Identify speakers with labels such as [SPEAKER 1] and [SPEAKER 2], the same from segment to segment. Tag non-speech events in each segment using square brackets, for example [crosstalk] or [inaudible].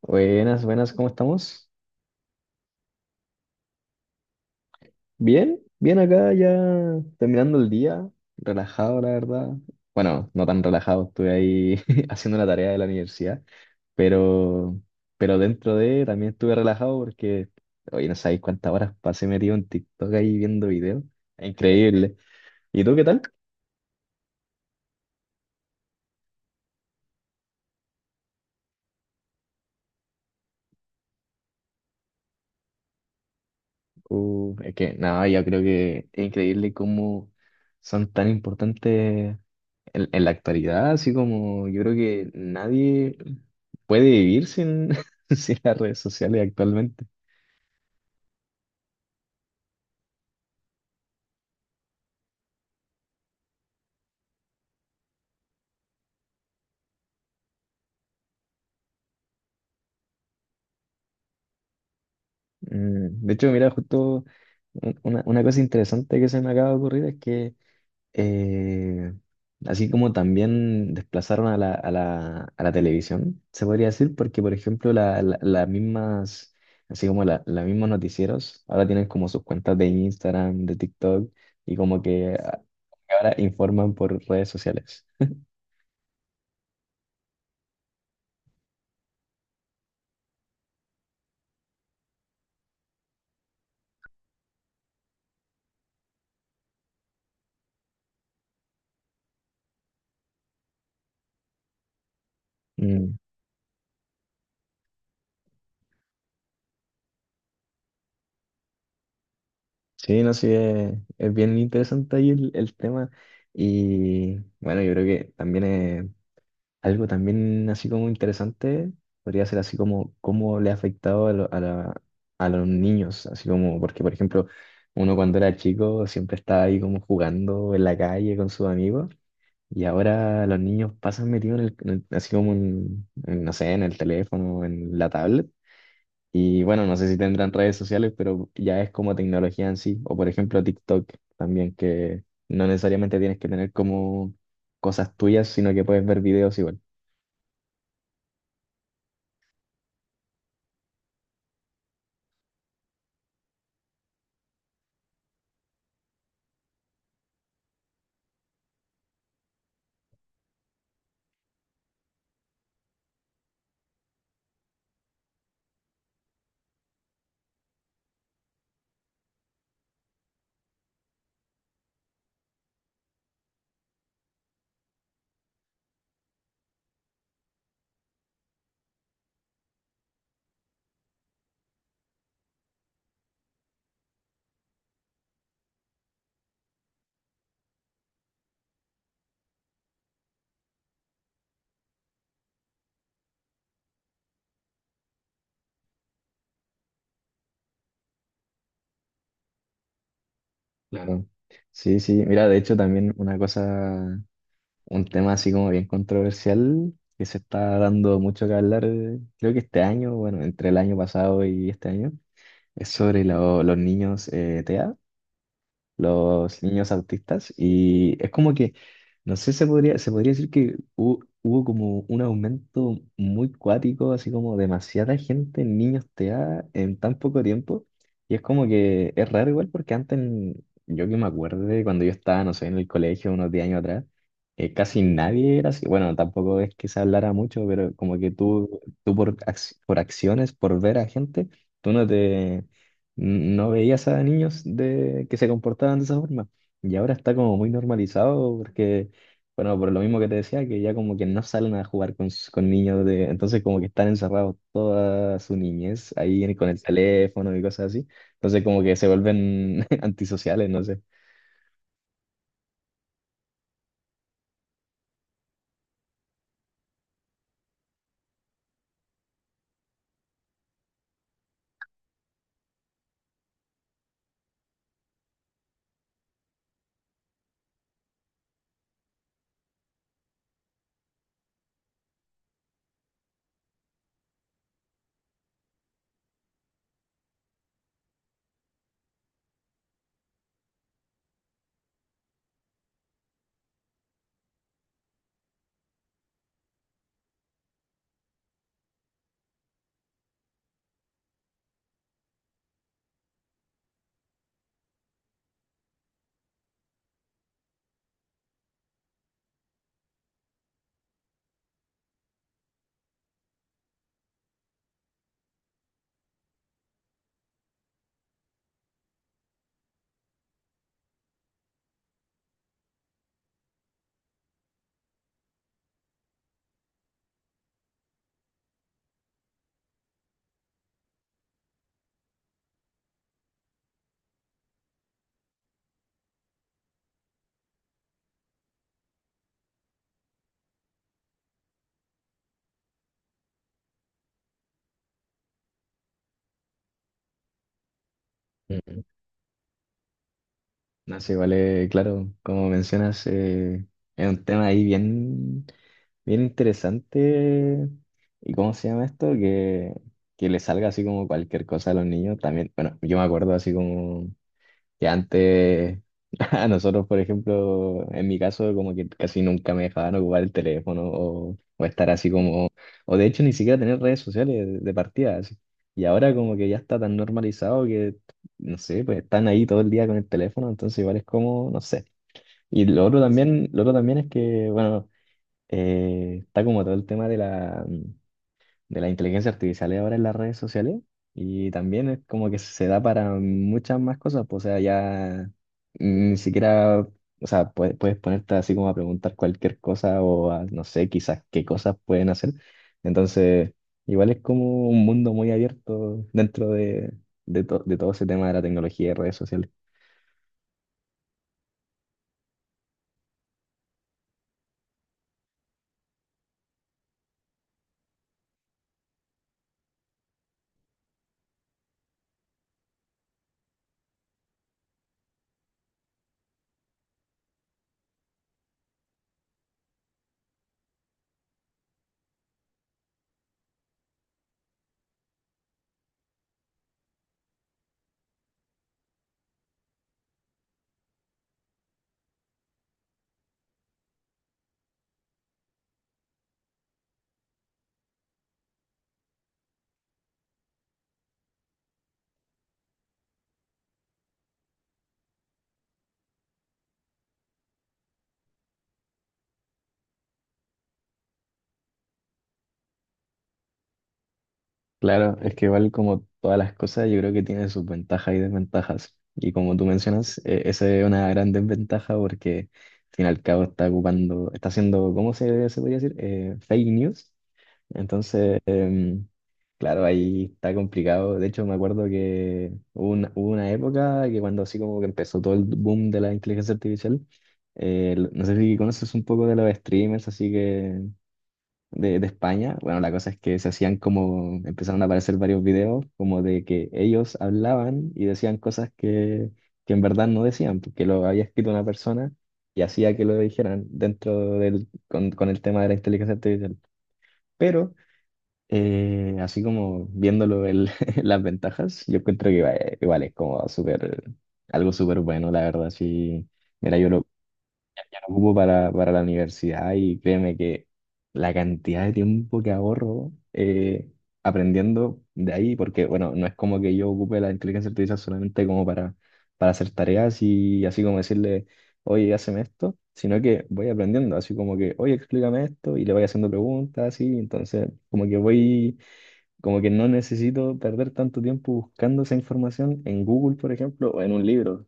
[SPEAKER 1] Buenas, buenas, ¿cómo estamos? Bien, bien acá ya terminando el día, relajado la verdad. Bueno, no tan relajado, estuve ahí [laughs] haciendo la tarea de la universidad, pero, pero dentro de también estuve relajado porque, oye, no sabéis cuántas horas pasé metido en TikTok ahí viendo videos. Es increíble. ¿Y tú qué tal? Es que nada, yo creo que es increíble cómo son tan importantes en la actualidad, así como yo creo que nadie puede vivir sin, [laughs] sin las redes sociales actualmente. De hecho, mira, justo una cosa interesante que se me acaba de ocurrir es que eh, así como también desplazaron a la televisión, se podría decir, porque por ejemplo las mismas, así como los mismos noticieros, ahora tienen como sus cuentas de Instagram, de TikTok, y como que ahora informan por redes sociales. Mm, sí, no sé, es bien interesante ahí el tema. Y bueno, yo creo que también es algo también así como interesante, podría ser así como cómo le ha afectado a, lo- a, la- a los niños, así como, porque por ejemplo, uno cuando era chico siempre estaba ahí como jugando en la calle con sus amigos y ahora los niños pasan metidos así como en, no sé, en el teléfono, en la tablet. Y bueno, no sé si tendrán redes sociales, pero ya es como tecnología en sí. O por ejemplo TikTok también, que no necesariamente tienes que tener como cosas tuyas, sino que puedes ver videos igual. Claro. ¿No? Sí, sí. Mira, de hecho también una cosa, un tema así como bien controversial, que se está dando mucho que hablar, creo que este año, bueno, entre el año pasado y este año, es sobre los niños TEA. Los niños autistas y es como que, no sé, se podría decir que hubo, como un aumento muy cuático, así como demasiada gente niños TEA en tan poco tiempo y es como que es raro igual porque antes, yo que me acuerdo de cuando yo estaba, no sé, en el colegio unos 10 años atrás, casi nadie era así, bueno, tampoco es que se hablara mucho, pero como que tú por acciones, por ver a gente, tú no te... No veías a niños de, que se comportaban de esa forma. Y ahora está como muy normalizado porque, bueno, por lo mismo que te decía, que ya como que no salen a jugar con niños de. Entonces como que están encerrados toda su niñez ahí con el teléfono y cosas así. Entonces como que se vuelven [laughs] antisociales, no sé. No sé, vale, claro, como mencionas, es un tema ahí bien, bien interesante. ¿Y cómo se llama esto? Que le salga así como cualquier cosa a los niños también. Bueno, yo me acuerdo así como que antes, [laughs] a nosotros, por ejemplo, en mi caso, como que casi nunca me dejaban ocupar el teléfono o estar así como, o de hecho ni siquiera tener redes sociales de partida, así. Y ahora como que ya está tan normalizado que, no sé, pues están ahí todo el día con el teléfono, entonces igual es como, no sé. Y lo otro también es que, bueno, está como todo el tema de la inteligencia artificial ahora en las redes sociales y también es como que se da para muchas más cosas, pues, o sea, ya ni siquiera, o sea, puedes ponerte así como a preguntar cualquier cosa o a, no sé, quizás qué cosas pueden hacer. Entonces, igual es como un mundo muy abierto dentro de todo ese tema de la tecnología y redes sociales. Claro, es que igual como todas las cosas, yo creo que tiene sus ventajas y desventajas. Y como tú mencionas, esa es una gran desventaja porque al fin y al cabo está ocupando, está haciendo, ¿cómo se podría decir? Fake news. Entonces, claro, ahí está complicado. De hecho, me acuerdo que hubo una época que cuando así como que empezó todo el boom de la inteligencia artificial, no sé si conoces un poco de los streamers, así que de España. Bueno, la cosa es que se hacían como, empezaron a aparecer varios videos como de que ellos hablaban y decían cosas que en verdad no decían, porque lo había escrito una persona y hacía que lo dijeran dentro con el tema de la inteligencia artificial. Pero así como viéndolo [laughs] las ventajas, yo encuentro que igual es como súper, algo súper bueno, la verdad, sí. Mira, yo lo ocupo para la universidad y créeme que la cantidad de tiempo que ahorro aprendiendo de ahí, porque bueno, no es como que yo ocupe la inteligencia artificial solamente como para hacer tareas y así como decirle, oye, hazme esto, sino que voy aprendiendo, así como que, oye, explícame esto y le voy haciendo preguntas, así, entonces como que voy, como que no necesito perder tanto tiempo buscando esa información en Google, por ejemplo, o en un libro.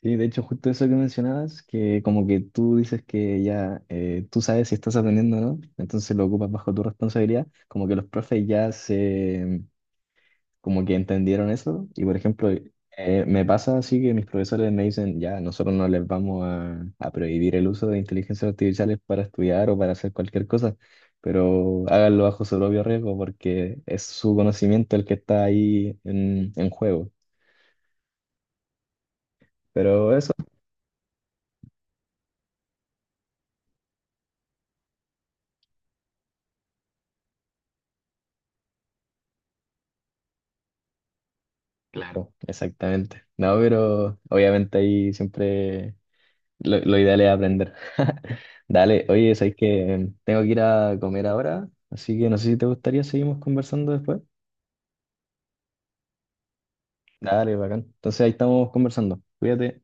[SPEAKER 1] Sí, de hecho, justo eso que mencionabas, que como que tú dices que ya tú sabes si estás aprendiendo o no, entonces lo ocupas bajo tu responsabilidad, como que los profes ya se, como que entendieron eso, y por ejemplo, me pasa así que mis profesores me dicen, ya, nosotros no les vamos a prohibir el uso de inteligencias artificiales para estudiar o para hacer cualquier cosa, pero háganlo bajo su propio riesgo porque es su conocimiento el que está ahí en juego. Pero eso. Claro, exactamente. No, pero obviamente ahí siempre lo ideal es aprender. [laughs] Dale, oye, sabes que tengo que ir a comer ahora, así que no sé si te gustaría seguimos conversando después. Dale, bacán. Entonces ahí estamos conversando. Cuídate.